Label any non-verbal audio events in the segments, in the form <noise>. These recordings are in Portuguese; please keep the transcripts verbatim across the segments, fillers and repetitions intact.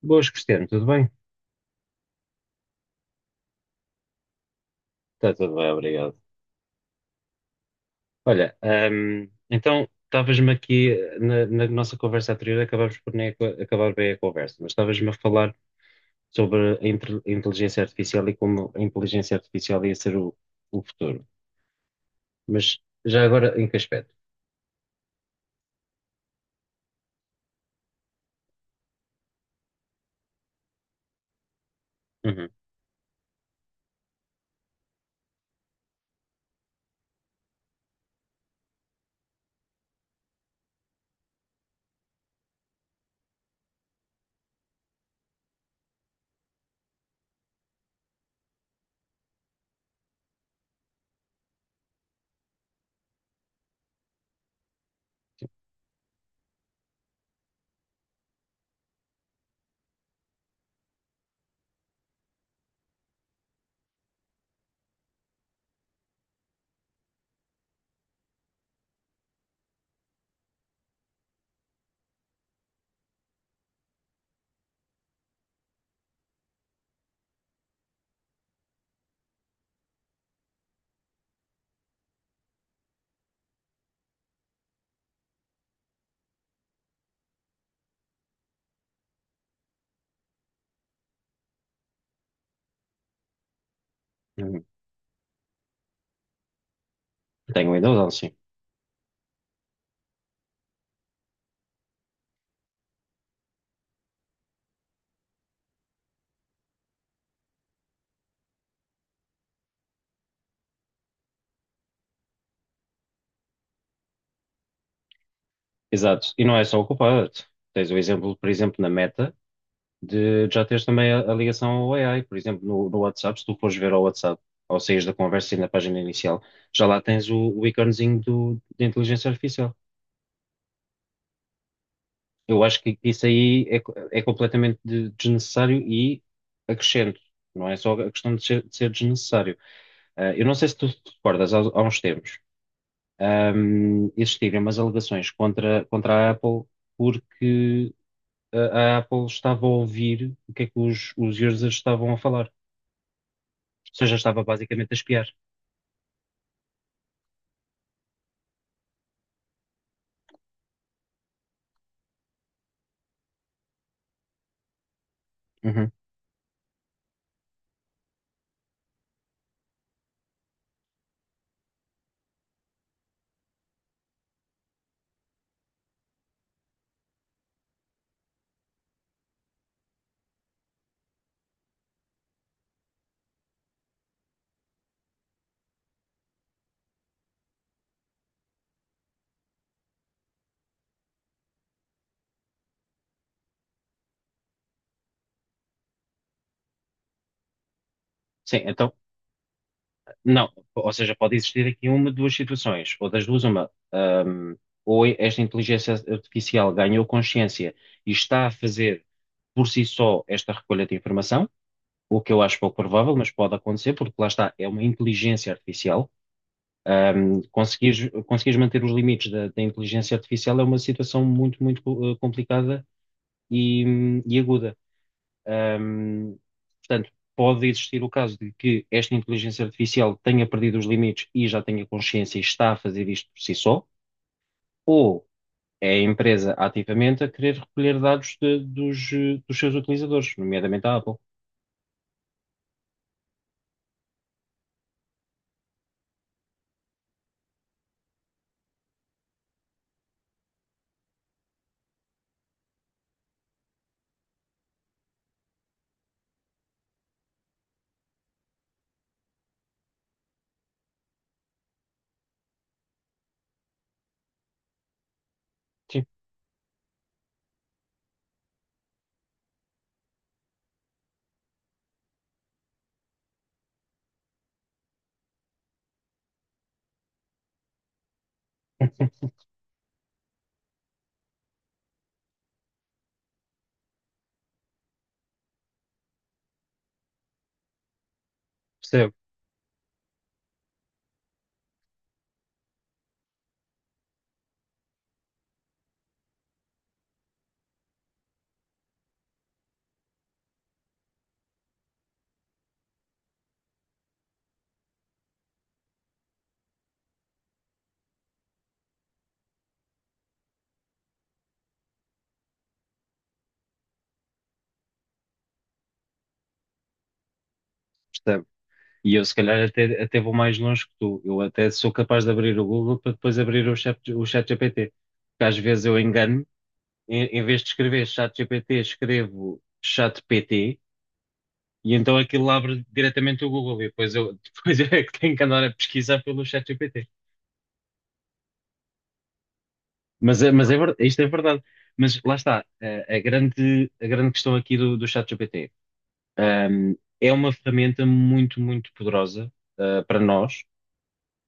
Boas, Cristiano, tudo bem? Está tudo bem, obrigado. Olha, ahm, então estavas-me aqui eh, na, na nossa conversa anterior, acabámos por nem aca- acabar bem a conversa, mas estavas-me a falar sobre a intel- a inteligência artificial e como a inteligência artificial ia ser o, o futuro. Mas já agora, em que aspecto? Uhum, uhum. Tenho ainda, não, sim. Exato. E não é só o culpado. Tens o exemplo, por exemplo, na Meta. De já teres também a, a ligação ao A I. Por exemplo, no, no WhatsApp, se tu fores ver ao WhatsApp, ao saíres da conversa e na página inicial, já lá tens o, o iconezinho do, de inteligência artificial. Eu acho que isso aí é, co- é completamente de- desnecessário e acrescento. Não é só a questão de ser, de ser desnecessário. Ah, eu não sei se tu te recordas, há, há uns tempos, ahm, existiram umas alegações contra, contra a Apple porque a, a Apple estava a ouvir o que é que os os users estavam a falar. Ou seja, estava basicamente a espiar. Uhum. Sim, então, não, ou seja, pode existir aqui uma de duas situações, ou das duas uma. Ahm, ou esta inteligência artificial ganhou consciência e está a fazer por si só esta recolha de informação, o que eu acho pouco provável, mas pode acontecer, porque lá está, é uma inteligência artificial. Ahm, conseguires, conseguires manter os limites da, da inteligência artificial é uma situação muito, muito eh, complicada e, e aguda. Um, portanto, pode existir o caso de que esta inteligência artificial tenha perdido os limites e já tenha consciência e está a fazer isto por si só, ou é a empresa ativamente a querer recolher dados de- dos, eh, dos seus utilizadores, nomeadamente a Apple. Sim, <laughs> percebo, percebo. E eu, se calhar, até, até vou mais longe que tu. Eu até sou capaz de abrir o Google para depois abrir o chat, o chat G P T. Porque às vezes eu engano-me, em, em vez de escrever chat G P T, escrevo chat P T. E então aquilo abre diretamente o Google e depois eu, <laughs> depois eu é que tenho que andar a pesquisar pelo ChatGPT. Mas, é- mas é, ver- isto é verdade. Mas lá está, a, a grande, a grande questão aqui do, do ChatGPT. Ahm, é uma ferramenta muito, muito poderosa, ah, para nós,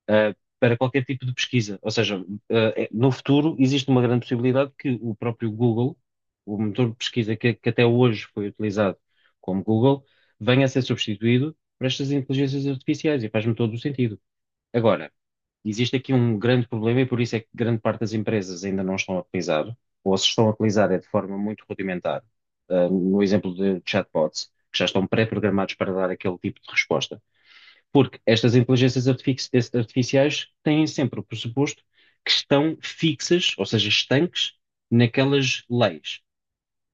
ah, para qualquer tipo de pesquisa. Ou seja, ah, é- no futuro existe uma grande possibilidade que o próprio Google, o motor de pesquisa que, que até hoje foi utilizado como Google, venha a ser substituído por estas inteligências artificiais e faz-me todo o sentido. Agora, existe aqui um grande problema e por isso é que grande parte das empresas ainda não estão a utilizar, ou se estão a utilizar é de forma muito rudimentar. Ah, no exemplo de chatbots, que já estão pré-programados para dar aquele tipo de resposta. Porque estas inteligências artifici- artificiais têm sempre o pressuposto que estão fixas, ou seja, estanques, naquelas leis.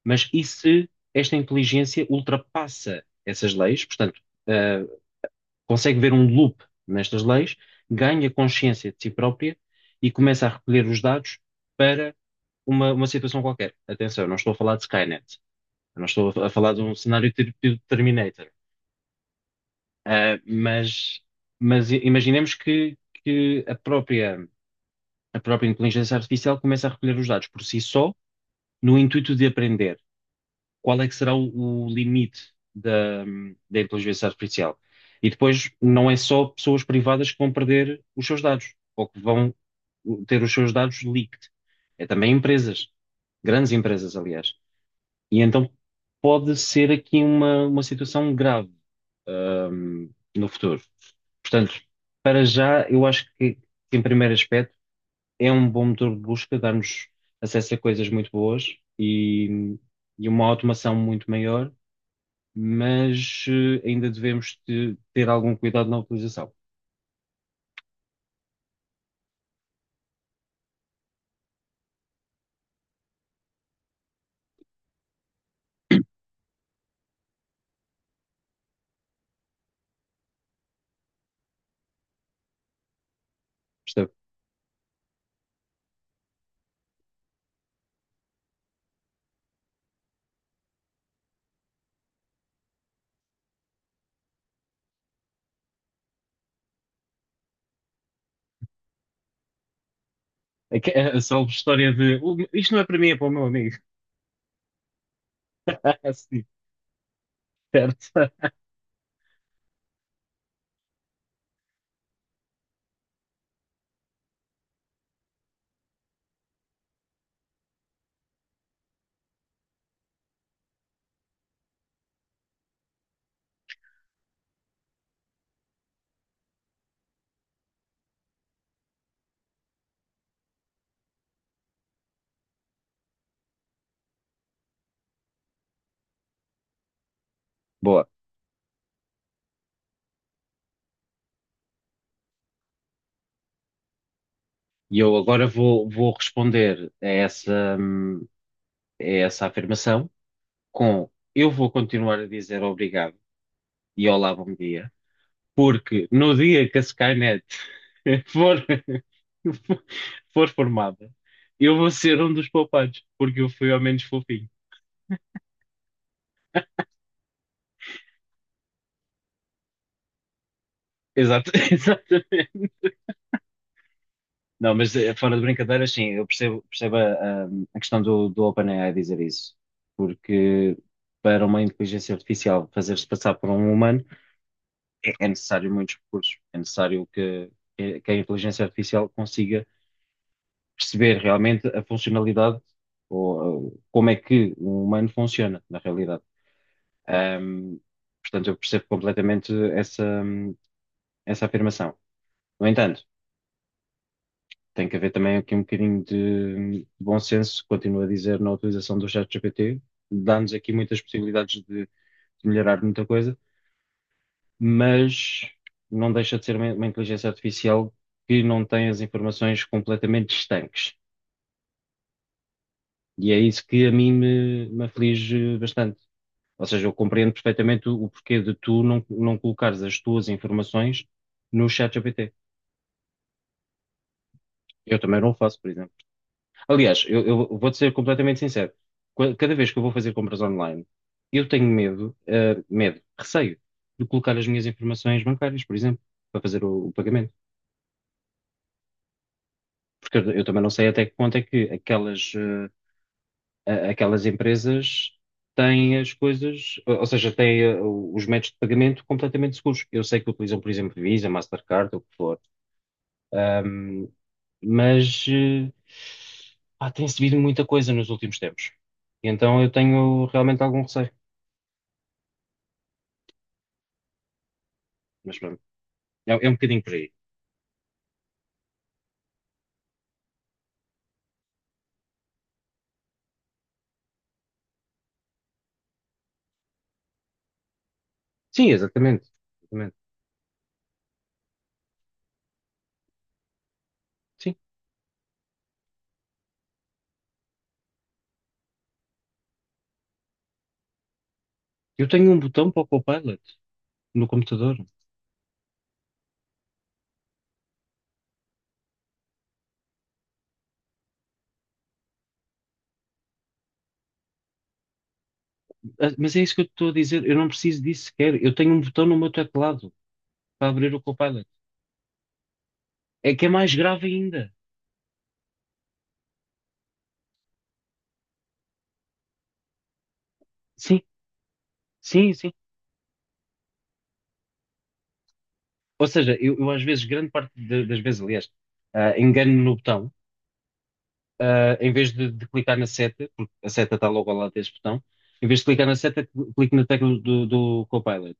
Mas e se esta inteligência ultrapassa essas leis? Portanto, ah, consegue ver um loop nestas leis, ganha consciência de si própria e começa a recolher os dados para uma, uma situação qualquer. Atenção, eu não estou a falar de Skynet, eu não estou a falar de um cenário tipo Terminator. Ah, mas, mas imaginemos que, que a própria, a própria inteligência artificial começa a recolher os dados por si só, no intuito de aprender. Qual é que será o, o limite da, da inteligência artificial. E depois não é só pessoas privadas que vão perder os seus dados ou que vão ter os seus dados leaked. É também empresas, grandes empresas, aliás. E então pode ser aqui uma, uma situação grave, ahm, no futuro. Portanto, para já, eu acho que, em primeiro aspecto, é um bom motor de busca, dar-nos acesso a coisas muito boas e, e uma automação muito maior, mas eh, ainda devemos te- ter algum cuidado na utilização. Percebe? A, que- a salve história de "Oh, isto não é para mim, é para o meu amigo. <laughs> Assim, certo? Boa. E eu agora vou, vou responder a essa, hum, a essa afirmação com eu vou continuar a dizer obrigado e olá, bom dia, porque no dia que a Skynet <laughs> for, for formada, eu vou ser um dos poupados, porque eu fui ao menos fofinho. Exato, <laughs> exato. Não, mas eh, fora de brincadeiras, sim, eu percebo, percebo a, a- a questão do, do OpenAI dizer isso, porque para uma inteligência artificial fazer-se passar por um humano é, é necessário muitos recursos, é necessário que, que que a inteligência artificial consiga perceber realmente a funcionalidade ou eh, como é que um humano funciona na realidade. Ahm, portanto, eu percebo completamente essa, essa afirmação. No entanto, tem que haver também aqui um bocadinho de bom senso, continuo a dizer, na utilização do ChatGPT. Dá-nos aqui muitas possibilidades de, de melhorar muita coisa, mas não deixa de ser uma, uma inteligência artificial que não tem as informações completamente estanques. E é isso que a mim me, me aflige bastante. Ou seja, eu compreendo perfeitamente o, o porquê de tu não, não colocares as tuas informações no ChatGPT. Eu também não o faço, por exemplo. Aliás, eu, eu vou-te ser completamente sincero. Qua- Cada vez que eu vou fazer compras online, eu tenho medo, eh, medo, receio de colocar as minhas informações bancárias, por exemplo, para fazer o, o pagamento. Porque eu, eu também não sei até que ponto é que aquelas, eh, a- aquelas empresas têm as coisas, ou ou seja, têm, eh, os métodos de pagamento completamente seguros. Eu sei que utilizam, por exemplo, Visa, Mastercard, ou o que for. Ahm, mas eh, pá, tem subido muita coisa nos últimos tempos. E então eu tenho realmente algum receio. Mas pronto, é, é um bocadinho por aí. Sim, exatamente. Exatamente. Sim. Eu tenho um botão para o Copilot no computador. Ah, mas é isso que eu estou a dizer. Eu não preciso disso sequer. Eu tenho um botão no meu teclado para abrir o Copilot. É que é mais grave ainda. Sim, sim, sim. Ou seja, eu, eu às vezes, grande parte de- das vezes, aliás, ah, engano-me no botão. Em vez de, de clicar na seta, porque a seta está logo ao lado desse botão, em vez de clicar na seta, cl- clico na tecla do, do Copilot.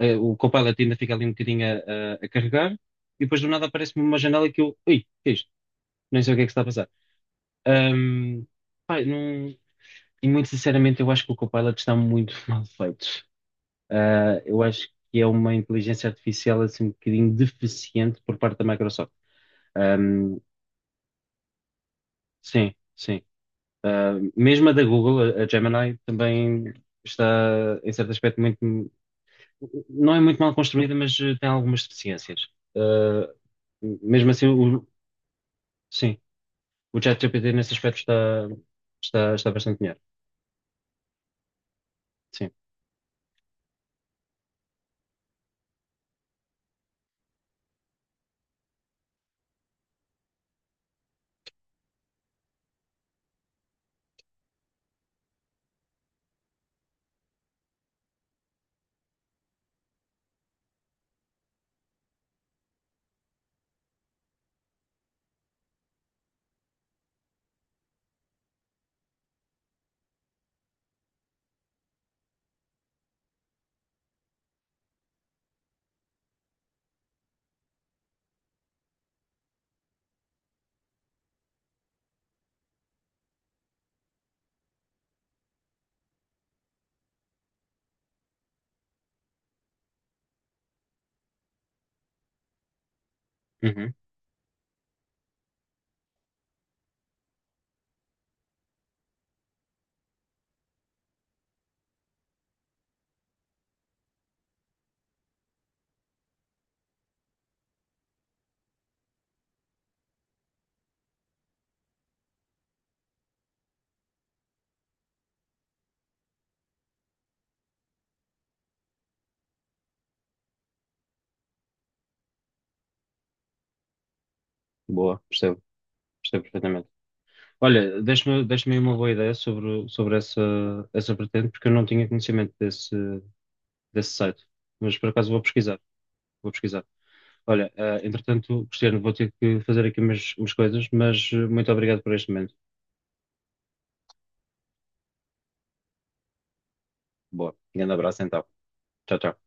Eh, o Copilot ainda fica ali um bocadinho a, a- a carregar, e depois do nada aparece-me uma janela que eu, ui, o que é isto? Nem sei o que é que está a passar. Ahm, pá, não- e muito sinceramente, eu acho que o Copilot está muito <laughs> mal feito. Ah, eu acho que é uma inteligência artificial assim um bocadinho deficiente por parte da Microsoft. Ahm, sim, sim. Ah, mesmo a da Google, a a Gemini, também está, em certo aspecto, muito. Não é muito mal construída, mas eh, tem algumas deficiências. Ah, mesmo assim, o, sim, o ChatGPT nesse aspecto está, está, está bastante melhor. Sim. Uhum. Boa, percebo, percebo perfeitamente. Olha, deixa-me deixa-me aí uma boa ideia sobre, sobre essa, essa vertente, porque eu não tinha conhecimento desse, desse site. Mas por acaso vou pesquisar. Vou pesquisar. Olha, ah, entretanto, Cristiano, vou ter que fazer aqui umas, umas coisas, mas eh, muito obrigado por este momento. Boa. Grande abraço então. Tchau, tchau.